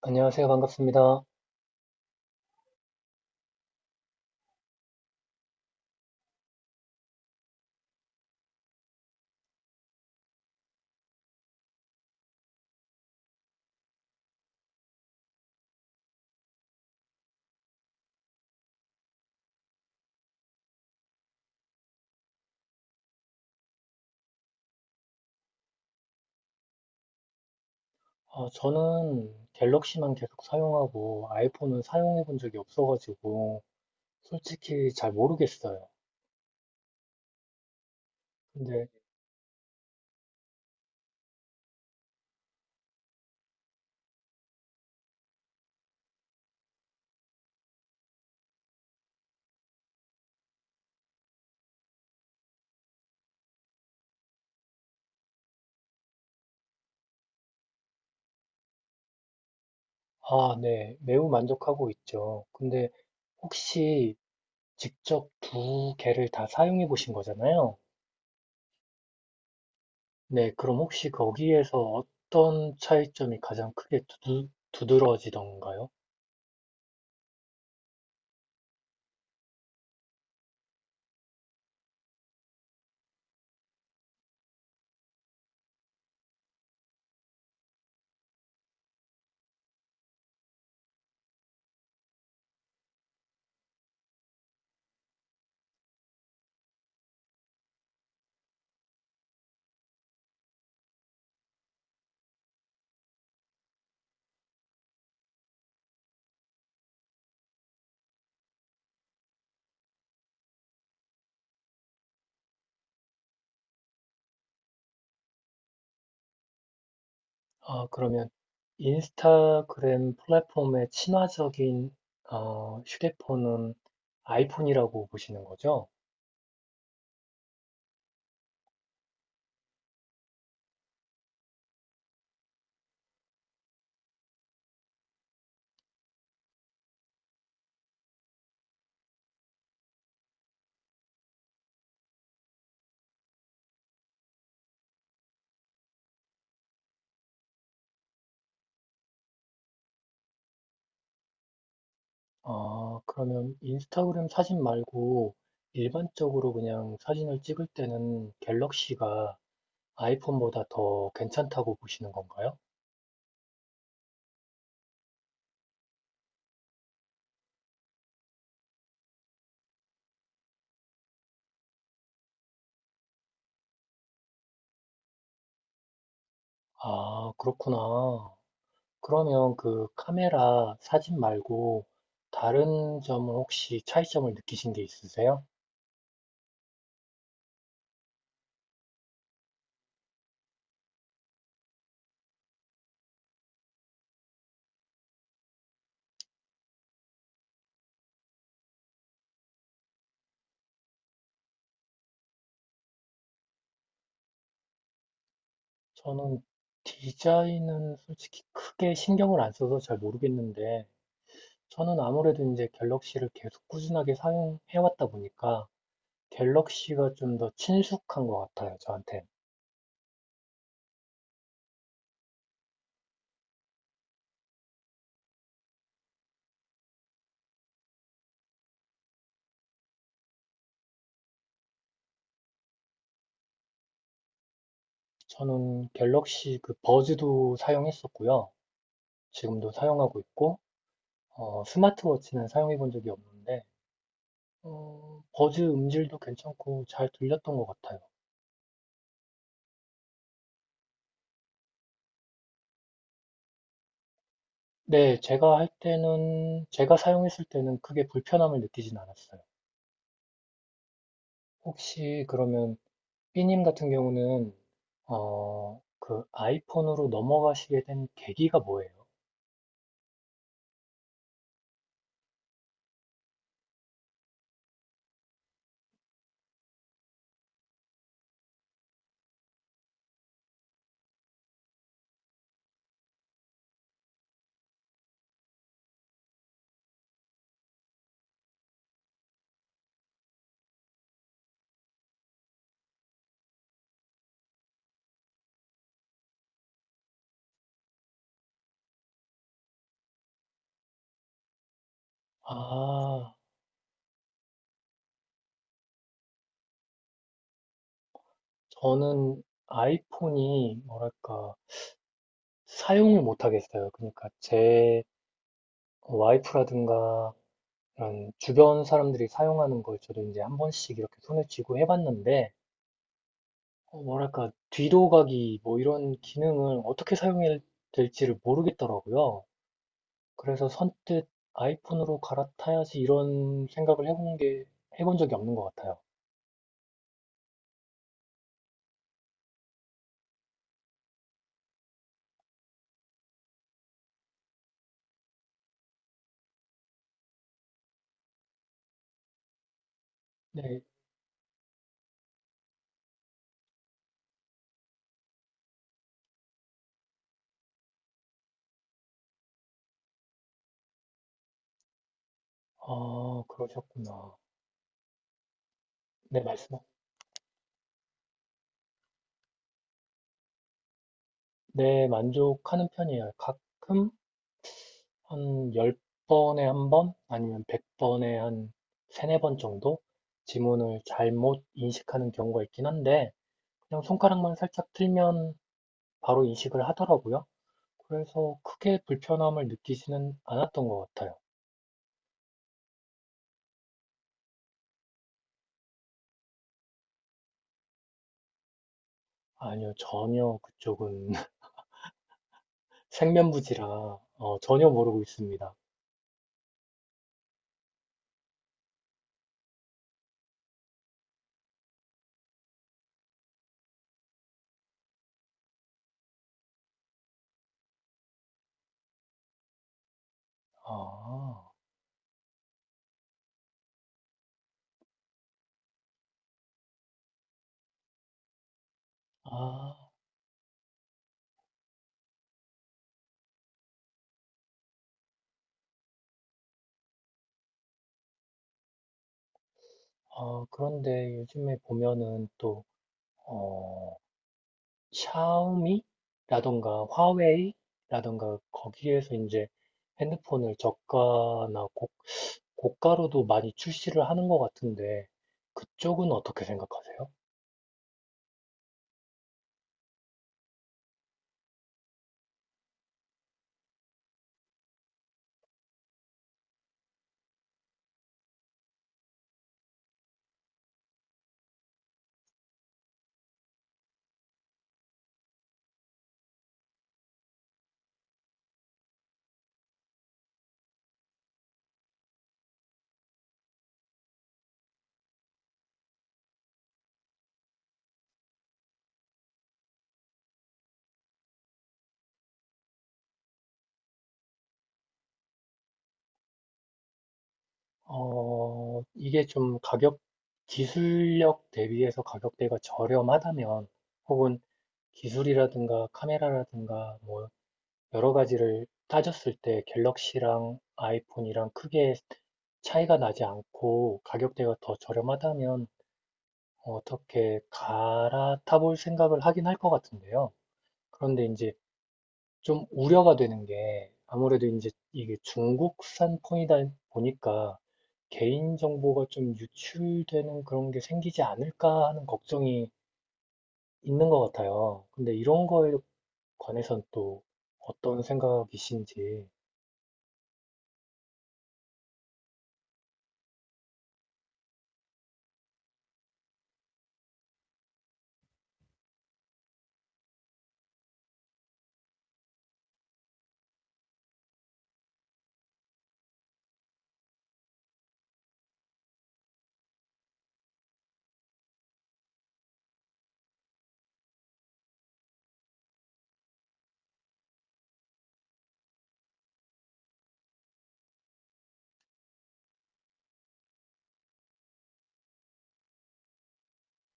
안녕하세요. 반갑습니다. 저는 갤럭시만 계속 사용하고 아이폰은 사용해 본 적이 없어가지고 솔직히 잘 모르겠어요. 근데, 아, 네. 매우 만족하고 있죠. 근데 혹시 직접 두 개를 다 사용해 보신 거잖아요. 네. 그럼 혹시 거기에서 어떤 차이점이 가장 크게 두드러지던가요? 아, 그러면 인스타그램 플랫폼의 친화적인 휴대폰은 아이폰이라고 보시는 거죠? 아, 그러면 인스타그램 사진 말고 일반적으로 그냥 사진을 찍을 때는 갤럭시가 아이폰보다 더 괜찮다고 보시는 건가요? 아, 그렇구나. 그러면 그 카메라 사진 말고 다른 점은 혹시 차이점을 느끼신 게 있으세요? 저는 디자인은 솔직히 크게 신경을 안 써서 잘 모르겠는데, 저는 아무래도 이제 갤럭시를 계속 꾸준하게 사용해왔다 보니까, 갤럭시가 좀 더 친숙한 것 같아요, 저한테. 저는 갤럭시 그 버즈도 사용했었고요. 지금도 사용하고 있고, 스마트워치는 사용해본 적이 없는데, 버즈 음질도 괜찮고 잘 들렸던 것 같아요. 네, 제가 할 때는, 제가 사용했을 때는 크게 불편함을 느끼진 않았어요. 혹시 그러면 B님 같은 경우는 그 아이폰으로 넘어가시게 된 계기가 뭐예요? 아, 저는 아이폰이 뭐랄까 사용을 못 하겠어요. 그러니까 제 와이프라든가 이런 주변 사람들이 사용하는 걸 저도 이제 한 번씩 이렇게 손에 쥐고 해봤는데 뭐랄까 뒤로 가기 뭐 이런 기능을 어떻게 사용해야 될지를 모르겠더라고요. 그래서 선뜻 아이폰으로 갈아타야지 이런 생각을 해본 게, 해본 적이 없는 것 같아요. 네, 아, 그러셨구나. 네, 네, 만족하는 편이에요. 가끔 한 10번에 한 번, 아니면 100번에 한 세네 번 정도 지문을 잘못 인식하는 경우가 있긴 한데, 그냥 손가락만 살짝 틀면 바로 인식을 하더라고요. 그래서 크게 불편함을 느끼지는 않았던 것 같아요. 아니요, 전혀 그쪽은 생면부지라 전혀 모르고 있습니다. 아, 아, 아, 그런데 요즘에 보면은 또 어, 샤오미라던가 화웨이라던가 거기에서 이제 핸드폰을 저가나 고가로도 많이 출시를 하는 것 같은데 그쪽은 어떻게 생각하세요? 이게 좀 기술력 대비해서 가격대가 저렴하다면, 혹은 기술이라든가 카메라라든가 뭐 여러 가지를 따졌을 때 갤럭시랑 아이폰이랑 크게 차이가 나지 않고 가격대가 더 저렴하다면 어떻게 갈아타볼 생각을 하긴 할 것 같은데요. 그런데 이제 좀 우려가 되는 게 아무래도 이제 이게 중국산 폰이다 보니까 개인정보가 좀 유출되는 그런 게 생기지 않을까 하는 걱정이 있는 것 같아요. 근데 이런 거에 관해서또 어떤 생각이신지,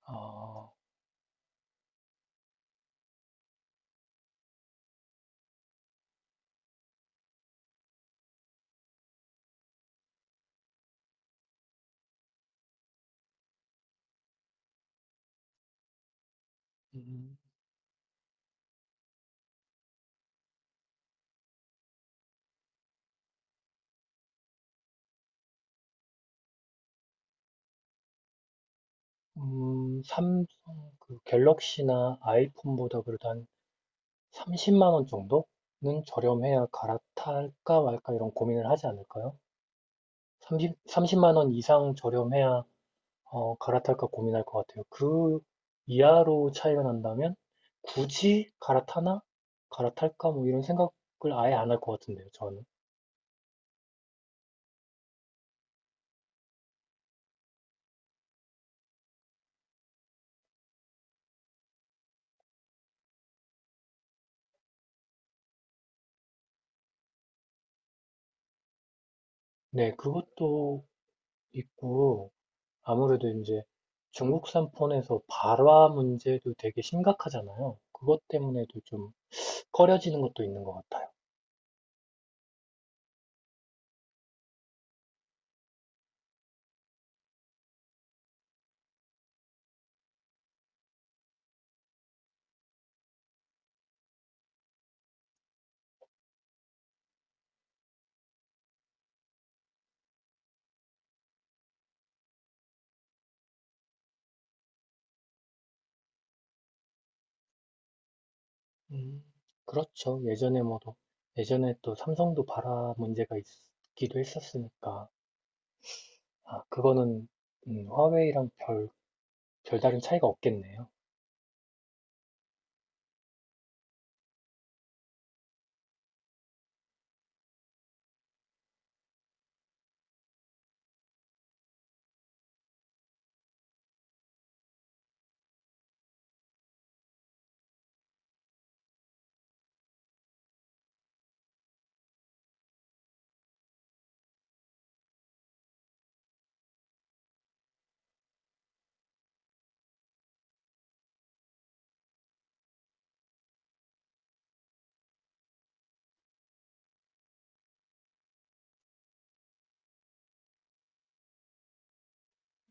어, 음, 음, 삼성, 그 갤럭시나 아이폰보다 그래도 한 30만 원 정도는 저렴해야 갈아탈까 말까 이런 고민을 하지 않을까요? 30만 원 이상 저렴해야 갈아탈까 고민할 것 같아요. 그 이하로 차이가 난다면 굳이 갈아타나? 갈아탈까? 뭐 이런 생각을 아예 안 할 것 같은데요, 저는. 네, 그것도 있고, 아무래도 이제 중국산 폰에서 발화 문제도 되게 심각하잖아요. 그것 때문에도 좀 꺼려지는 것도 있는 것 같아요. 음, 그렇죠. 예전에 예전에 또 삼성도 발화 문제가 있기도 했었으니까. 아, 그거는 화웨이랑 별 별다른 차이가 없겠네요.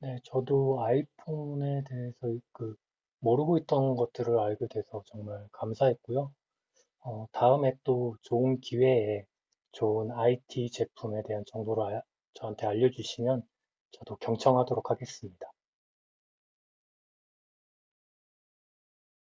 네, 저도 아이폰에 대해서 그 모르고 있던 것들을 알게 돼서 정말 감사했고요. 다음에 또 좋은 기회에 좋은 IT 제품에 대한 정보를 저한테 알려주시면 저도 경청하도록 하겠습니다.